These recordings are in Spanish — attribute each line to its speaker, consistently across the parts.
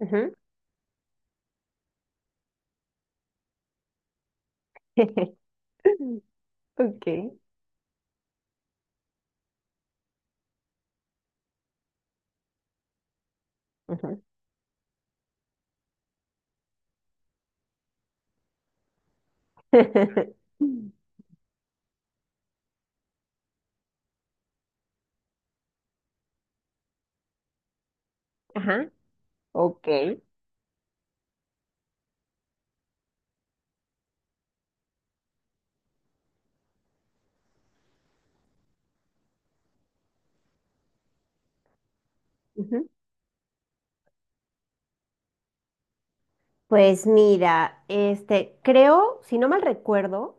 Speaker 1: Ajá. Ok. Ajá. Ajá. Ok. Ujú. Pues mira, creo, si no mal recuerdo,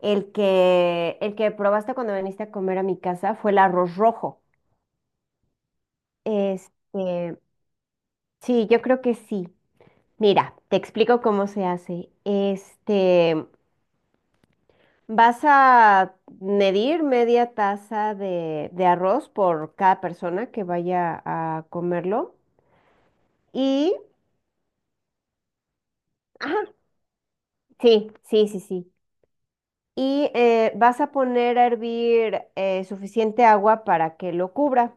Speaker 1: el que probaste cuando viniste a comer a mi casa fue el arroz rojo. Este, sí, yo creo que sí. Mira, te explico cómo se hace. Vas a medir media taza de arroz por cada persona que vaya a comerlo. y Ajá, sí, sí, sí, sí. Y vas a poner a hervir suficiente agua para que lo cubra.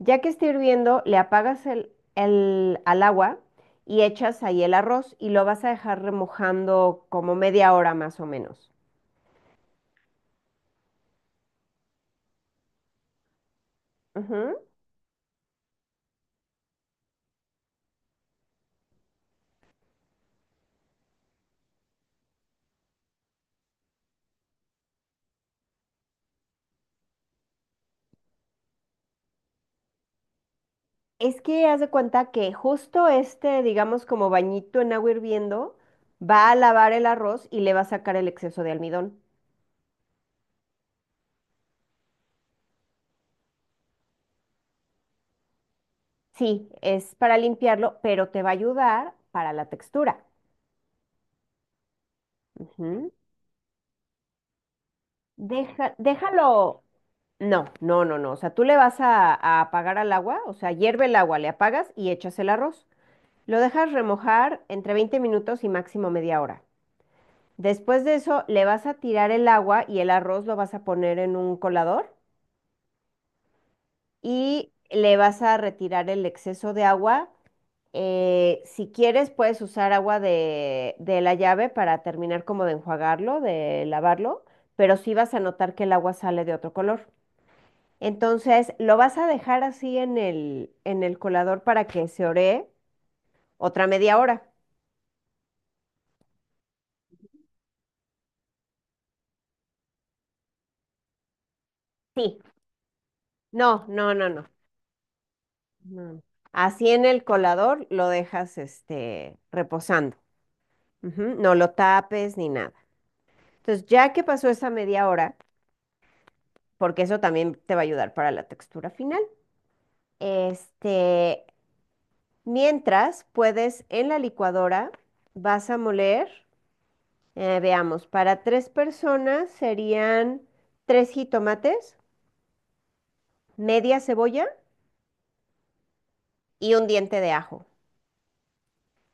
Speaker 1: Ya que esté hirviendo, le apagas al agua y echas ahí el arroz y lo vas a dejar remojando como media hora más o menos. Ujú. Es que haz de cuenta que justo digamos, como bañito en agua hirviendo, va a lavar el arroz y le va a sacar el exceso de almidón. Sí, es para limpiarlo, pero te va a ayudar para la textura. Ujú. Déjalo. No, no, no, no. O sea, tú le vas a apagar al agua, o sea, hierve el agua, le apagas y echas el arroz. Lo dejas remojar entre 20 minutos y máximo media hora. Después de eso, le vas a tirar el agua y el arroz lo vas a poner en un colador y le vas a retirar el exceso de agua. Si quieres, puedes usar agua de la llave para terminar como de enjuagarlo, de lavarlo, pero sí vas a notar que el agua sale de otro color. Entonces, lo vas a dejar así en el colador para que se ore otra media hora. Sí, no, no, no, no. no. Así en el colador lo dejas reposando. Ujú, no lo tapes ni nada. Entonces, ya que pasó esa media hora, porque eso también te va a ayudar para la textura final, este, mientras puedes en la licuadora, vas a moler, veamos, para tres personas serían tres jitomates, media cebolla y un diente de ajo.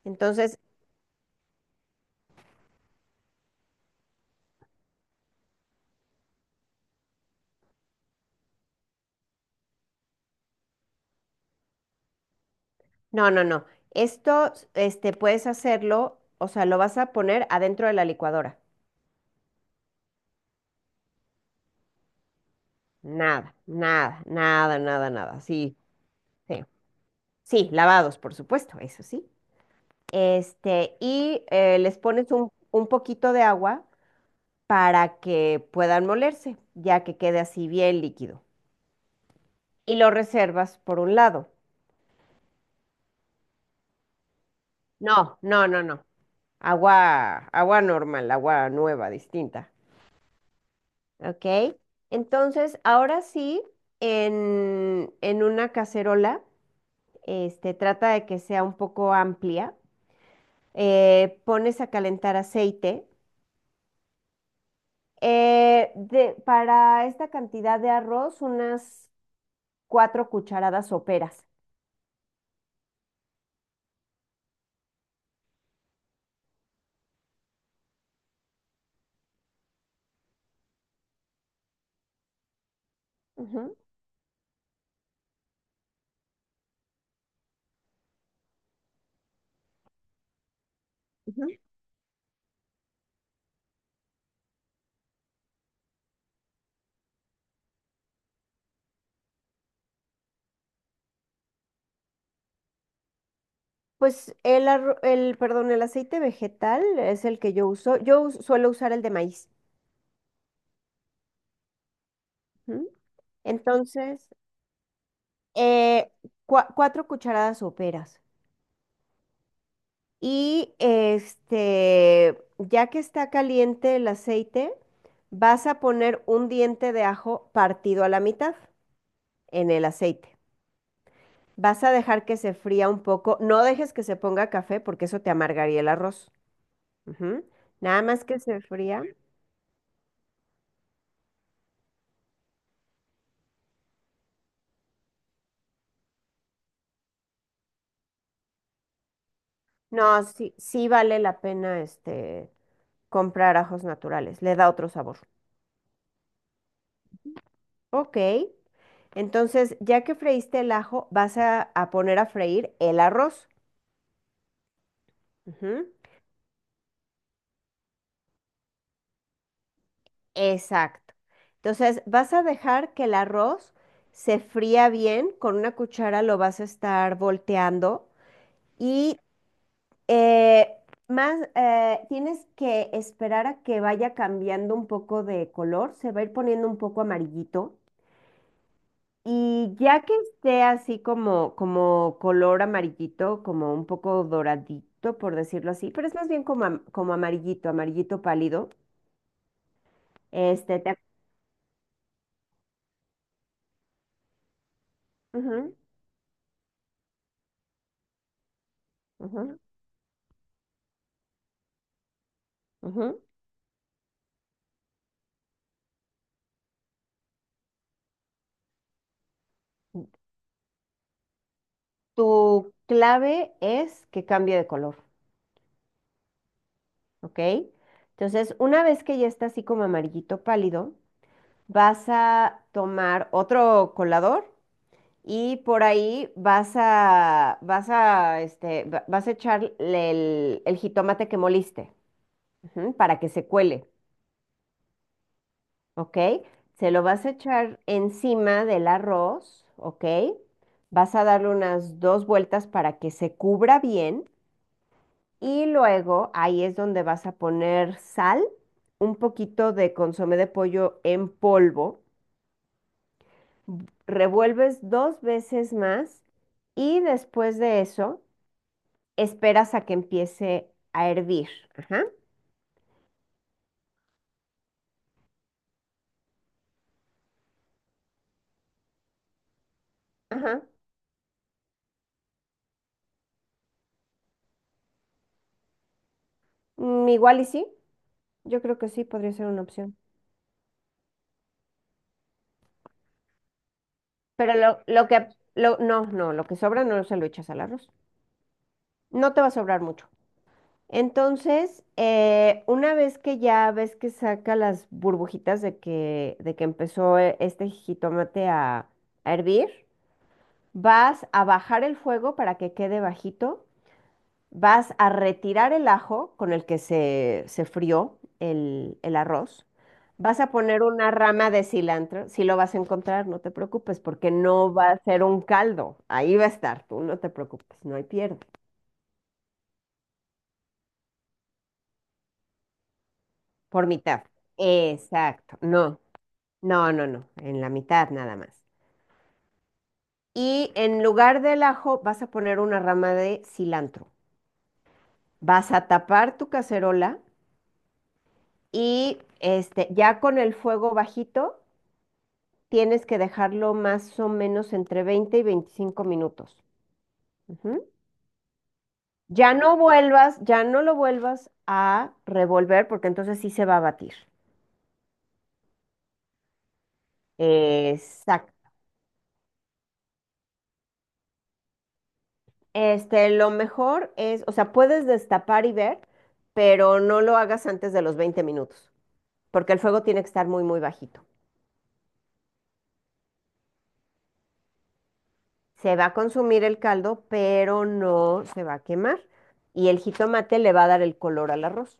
Speaker 1: Entonces, no, no, no. Esto, puedes hacerlo, o sea, lo vas a poner adentro de la licuadora. Nada, nada, nada, nada, nada. Sí, sí. Sí, lavados, por supuesto, eso sí. Y les pones un poquito de agua para que puedan molerse, ya que quede así bien líquido. Y lo reservas por un lado. No, no, no, no. Agua, agua normal, agua nueva, distinta. ¿Ok? Entonces, ahora sí, en una cacerola, trata de que sea un poco amplia, pones a calentar aceite. Para esta cantidad de arroz, unas cuatro cucharadas soperas. Ujú. Ujú. Pues el, perdón, el aceite vegetal es el que yo uso. Suelo usar el de maíz. Ujú. Entonces, eh, cuatro cucharadas soperas. Y ya que está caliente el aceite, vas a poner un diente de ajo partido a la mitad en el aceite. Vas a dejar que se fría un poco. No dejes que se ponga café porque eso te amargaría el arroz. Ujú. Nada más que se fría. No, sí, sí vale la pena comprar ajos naturales. Le da otro sabor. Ok. Entonces, ya que freíste el ajo, vas a poner a freír el arroz. Ujú. Exacto. Entonces, vas a dejar que el arroz se fría bien, con una cuchara lo vas a estar volteando y eh, más tienes que esperar a que vaya cambiando un poco de color, se va a ir poniendo un poco amarillito y ya que esté así como, como color amarillito, como un poco doradito, por decirlo así, pero es más bien como, como amarillito, amarillito pálido, este te... Ujú, ujú, ujú. Tu clave es que cambie de color, ¿ok? Entonces, una vez que ya está así como amarillito pálido, vas a tomar otro colador y por ahí vas a echar el jitomate que moliste, ujú, para que se cuele, ¿ok? Se lo vas a echar encima del arroz, ¿ok? Vas a darle unas dos vueltas para que se cubra bien. Y luego ahí es donde vas a poner sal, un poquito de consomé de pollo en polvo, revuelves dos veces más y después de eso esperas a que empiece a hervir. Ajá, ajá. Mm, igual y sí, yo creo que sí podría ser una opción. Pero no, no, lo que sobra no se lo echas al arroz. No te va a sobrar mucho. Entonces, una vez que ya ves que saca las burbujitas de que empezó este jitomate a hervir, vas a bajar el fuego para que quede bajito, vas a retirar el ajo con el que se frió el arroz, vas a poner una rama de cilantro, si lo vas a encontrar, no te preocupes, porque no va a ser un caldo, ahí va a estar, tú no te preocupes, no hay pierde, por mitad. Exacto, no. No, no, no, en la mitad nada más. Y en lugar del ajo vas a poner una rama de cilantro. Vas a tapar tu cacerola y ya con el fuego bajito tienes que dejarlo más o menos entre 20 y 25 minutos. Ujú. Ya no vuelvas, ya no lo vuelvas a revolver porque entonces sí se va a batir. Exacto. Lo mejor es, o sea, puedes destapar y ver, pero no lo hagas antes de los 20 minutos. Porque el fuego tiene que estar muy, muy bajito. Se va a consumir el caldo, pero no se va a quemar. Y el jitomate le va a dar el color al arroz.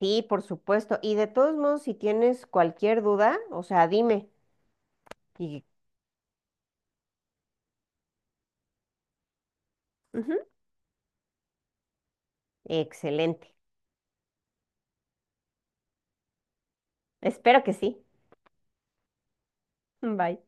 Speaker 1: Sí, por supuesto. Y de todos modos, si tienes cualquier duda, o sea, dime. Y, Ujú. Excelente. Espero que sí. Bye.